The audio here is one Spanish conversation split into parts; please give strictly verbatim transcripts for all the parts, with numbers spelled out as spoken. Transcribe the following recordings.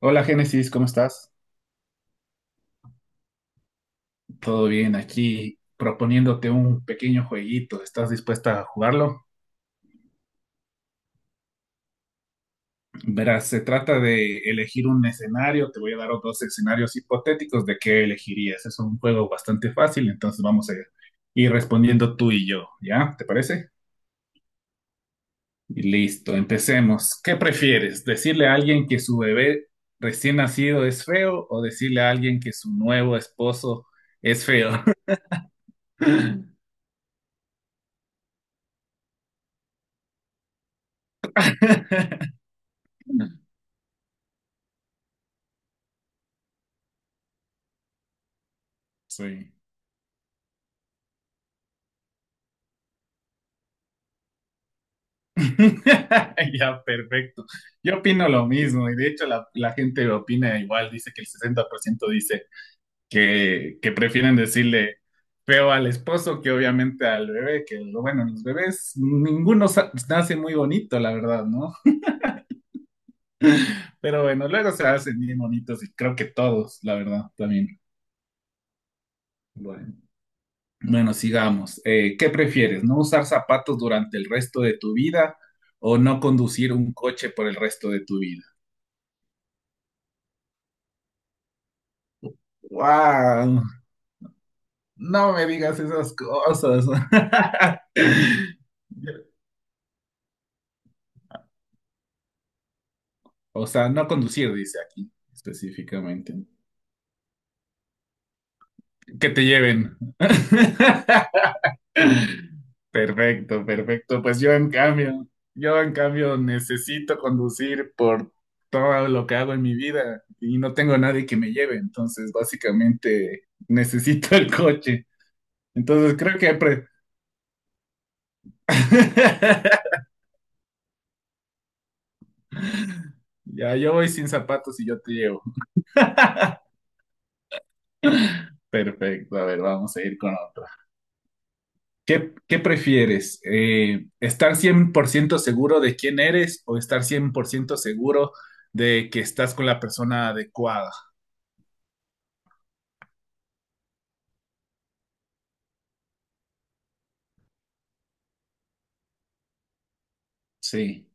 Hola Génesis, ¿cómo estás? ¿Todo bien aquí? Proponiéndote un pequeño jueguito. ¿Estás dispuesta a jugarlo? Verás, se trata de elegir un escenario. Te voy a dar dos escenarios hipotéticos de qué elegirías. Es un juego bastante fácil, entonces vamos a ir respondiendo tú y yo, ¿ya? ¿Te parece? Y listo, empecemos. ¿Qué prefieres? ¿Decirle a alguien que su bebé recién nacido es feo o decirle a alguien que su nuevo esposo es feo? Sí. Ya, perfecto. Yo opino lo mismo y de hecho la, la gente opina igual, dice que el sesenta por ciento dice que, que prefieren decirle feo al esposo que obviamente al bebé, que lo bueno, los bebés, ninguno sa- nace muy bonito, la verdad, ¿no? Pero bueno, luego se hacen bien bonitos y creo que todos, la verdad, también. Bueno, bueno, sigamos. Eh, ¿qué prefieres? ¿No usar zapatos durante el resto de tu vida o no conducir un coche por el resto de tu vida? ¡Wow! No me digas esas cosas. O sea, no conducir, dice aquí específicamente. Que te lleven. Perfecto, perfecto. Pues yo en cambio, yo en cambio necesito conducir por todo lo que hago en mi vida y no tengo nadie que me lleve, entonces básicamente necesito el coche. Entonces creo que pre- ya yo voy sin zapatos y yo te llevo. Perfecto, a ver, vamos a ir con ¿Qué, qué prefieres? Eh, ¿estar cien por ciento seguro de quién eres o estar cien por ciento seguro de que estás con la persona adecuada? Sí,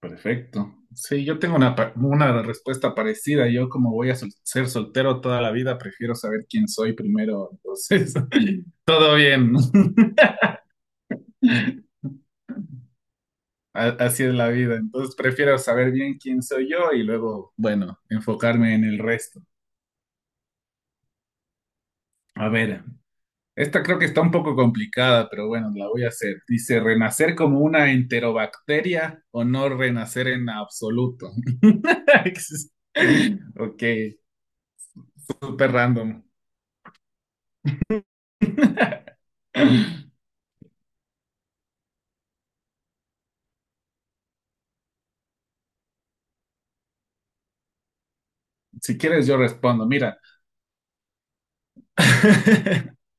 perfecto. Sí, yo tengo una, pa- una respuesta parecida. Yo como voy a sol- ser soltero toda la vida, prefiero saber quién soy primero. Entonces, todo bien. A- Así es la vida. Entonces, prefiero saber bien quién soy yo y luego, bueno, enfocarme en el resto. A ver. Esta creo que está un poco complicada, pero bueno, la voy a hacer. Dice, ¿renacer como una enterobacteria o no renacer en absoluto? Ok, súper random. Si quieres, yo respondo. Mira,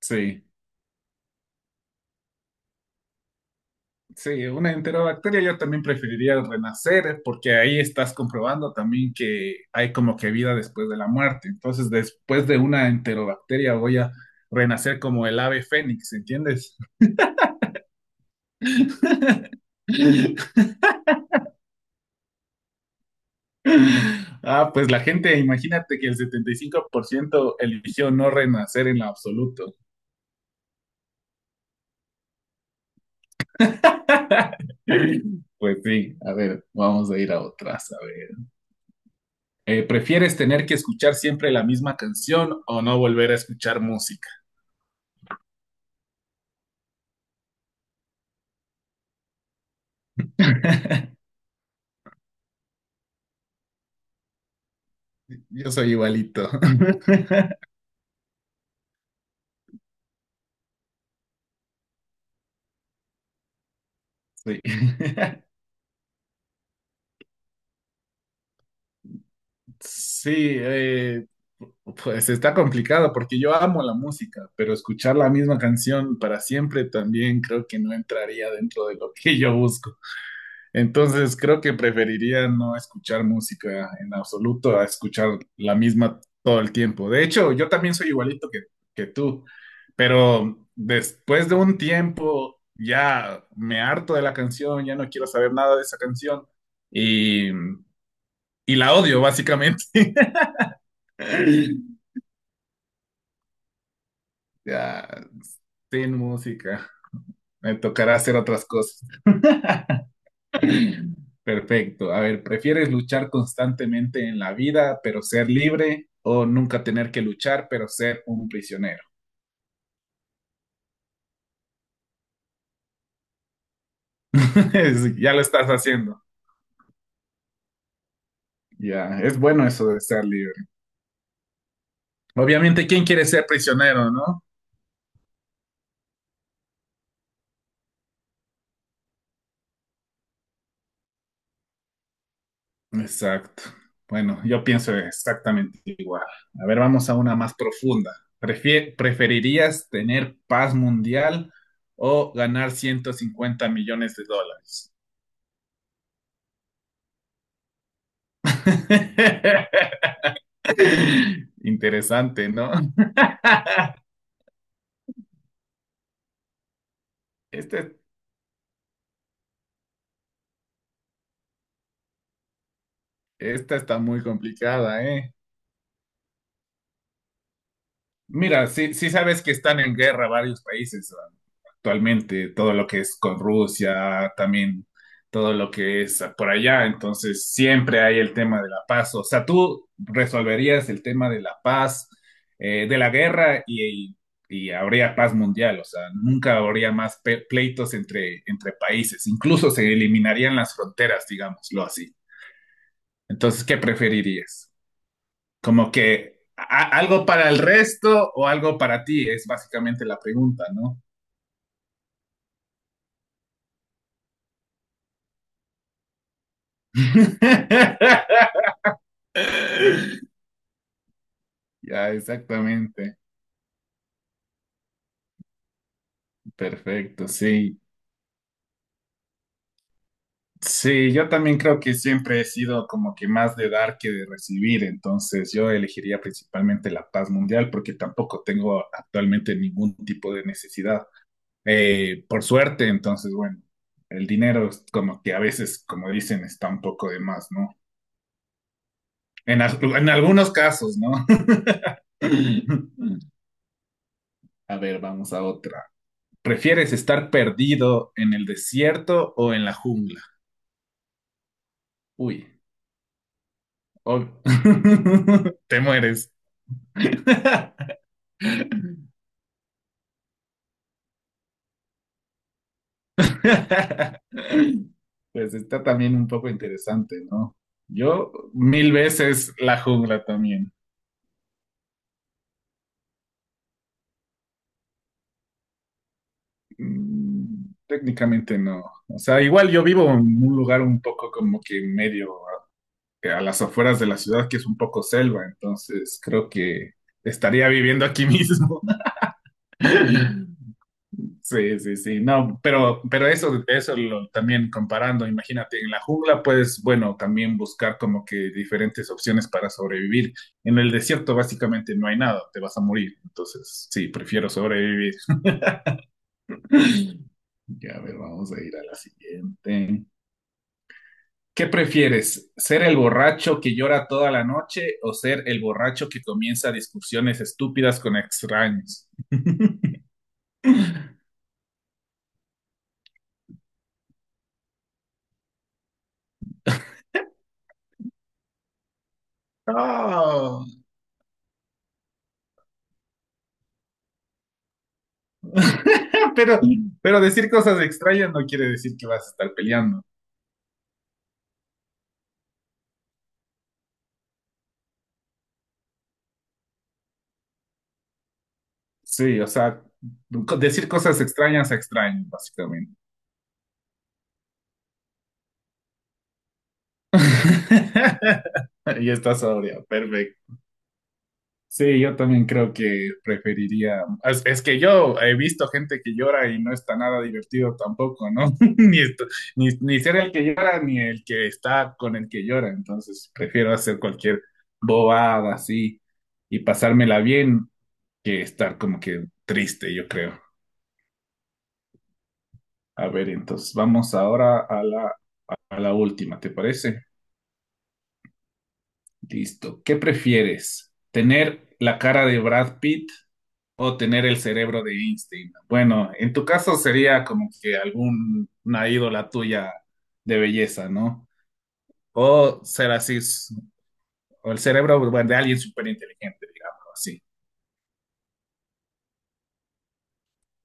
sí, sí, una enterobacteria yo también preferiría el renacer eh, porque ahí estás comprobando también que hay como que vida después de la muerte. Entonces, después de una enterobacteria voy a renacer como el ave fénix, ¿entiendes? Ah, pues la gente, imagínate que el setenta y cinco por ciento eligió no renacer en lo absoluto. Pues sí, a ver, vamos a ir a otras, a ver. Eh, ¿prefieres tener que escuchar siempre la misma canción o no volver a escuchar música? Yo soy igualito. Sí. Sí, eh, pues está complicado porque yo amo la música, pero escuchar la misma canción para siempre también creo que no entraría dentro de lo que yo busco. Entonces creo que preferiría no escuchar música en absoluto a escuchar la misma todo el tiempo. De hecho, yo también soy igualito que, que tú, pero después de un tiempo ya me harto de la canción, ya no quiero saber nada de esa canción y, y la odio básicamente. Ya, sin música, me tocará hacer otras cosas. Perfecto. A ver, ¿prefieres luchar constantemente en la vida, pero ser libre, o nunca tener que luchar, pero ser un prisionero? Es- ya lo estás haciendo. Ya, es bueno eso de ser libre. Obviamente, ¿quién quiere ser prisionero, no? Exacto. Bueno, yo pienso exactamente igual. A ver, vamos a una más profunda. Prefie- ¿preferirías tener paz mundial o ganar ciento cincuenta millones de dólares? Interesante, ¿no? Esta, esta está muy complicada, ¿eh? Mira, sí, sí sabes que están en guerra varios países ah, actualmente, todo lo que es con Rusia, también todo lo que es ah, por allá, entonces siempre hay el tema de la paz. O sea, tú resolverías el tema de la paz, eh, de la guerra y, y habría paz mundial, o sea, nunca habría más pe- pleitos entre, entre países, incluso se eliminarían las fronteras, digámoslo así. Entonces, ¿qué preferirías? Como que a- algo para el resto o algo para ti, es básicamente la pregunta, ¿no? Ya, exactamente. Perfecto, sí. Sí, yo también creo que siempre he sido como que más de dar que de recibir, entonces yo elegiría principalmente la paz mundial porque tampoco tengo actualmente ningún tipo de necesidad. Eh, por suerte, entonces, bueno, el dinero es como que a veces, como dicen, está un poco de más, ¿no? En, as- en algunos casos, ¿no? A ver, vamos a otra. ¿Prefieres estar perdido en el desierto o en la jungla? Uy, ob- te mueres. Pues está también un poco interesante, ¿no? Yo mil veces la jungla también. Mm, Técnicamente no. O sea, igual yo vivo en un lugar un poco como que medio eh, a las afueras de la ciudad, que es un poco selva, entonces creo que estaría viviendo aquí mismo. Sí, sí, sí, no, pero, pero eso, eso lo, también comparando, imagínate, en la jungla puedes, bueno, también buscar como que diferentes opciones para sobrevivir. En el desierto básicamente no hay nada, te vas a morir, entonces sí, prefiero sobrevivir. Ya, a ver, vamos a ir a la siguiente. ¿Qué prefieres? ¿Ser el borracho que llora toda la noche o ser el borracho que comienza discusiones estúpidas con extraños? No. Pero, pero decir cosas extrañas no quiere decir que vas a estar peleando. Sí, o sea, co- decir cosas extrañas a extraños, básicamente. Y está sobria, perfecto. Sí, yo también creo que preferiría. Es, es que yo he visto gente que llora y no está nada divertido tampoco, ¿no? Ni, est- ni, ni ser el que llora ni el que está con el que llora. Entonces prefiero hacer cualquier bobada así y pasármela bien que estar como que triste, yo creo. A ver, entonces vamos ahora a la, a la última, ¿te parece? Listo. ¿Qué prefieres? ¿Tener la cara de Brad Pitt? O tener el cerebro de Einstein. Bueno, en tu caso sería como que alguna ídola tuya de belleza, ¿no? O ser así, s- o el cerebro bueno, de alguien súper inteligente, digamos así.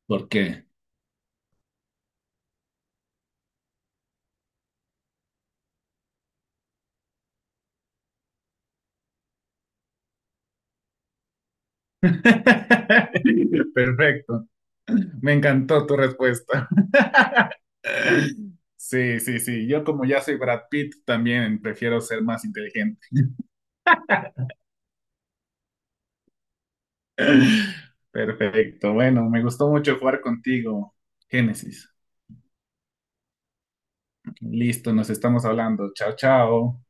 ¿Por qué? Perfecto. Me encantó tu respuesta. Sí, sí, sí. Yo como ya soy Brad Pitt, también prefiero ser más inteligente. Perfecto. Bueno, me gustó mucho jugar contigo, Génesis. Listo, nos estamos hablando. Chao, chao.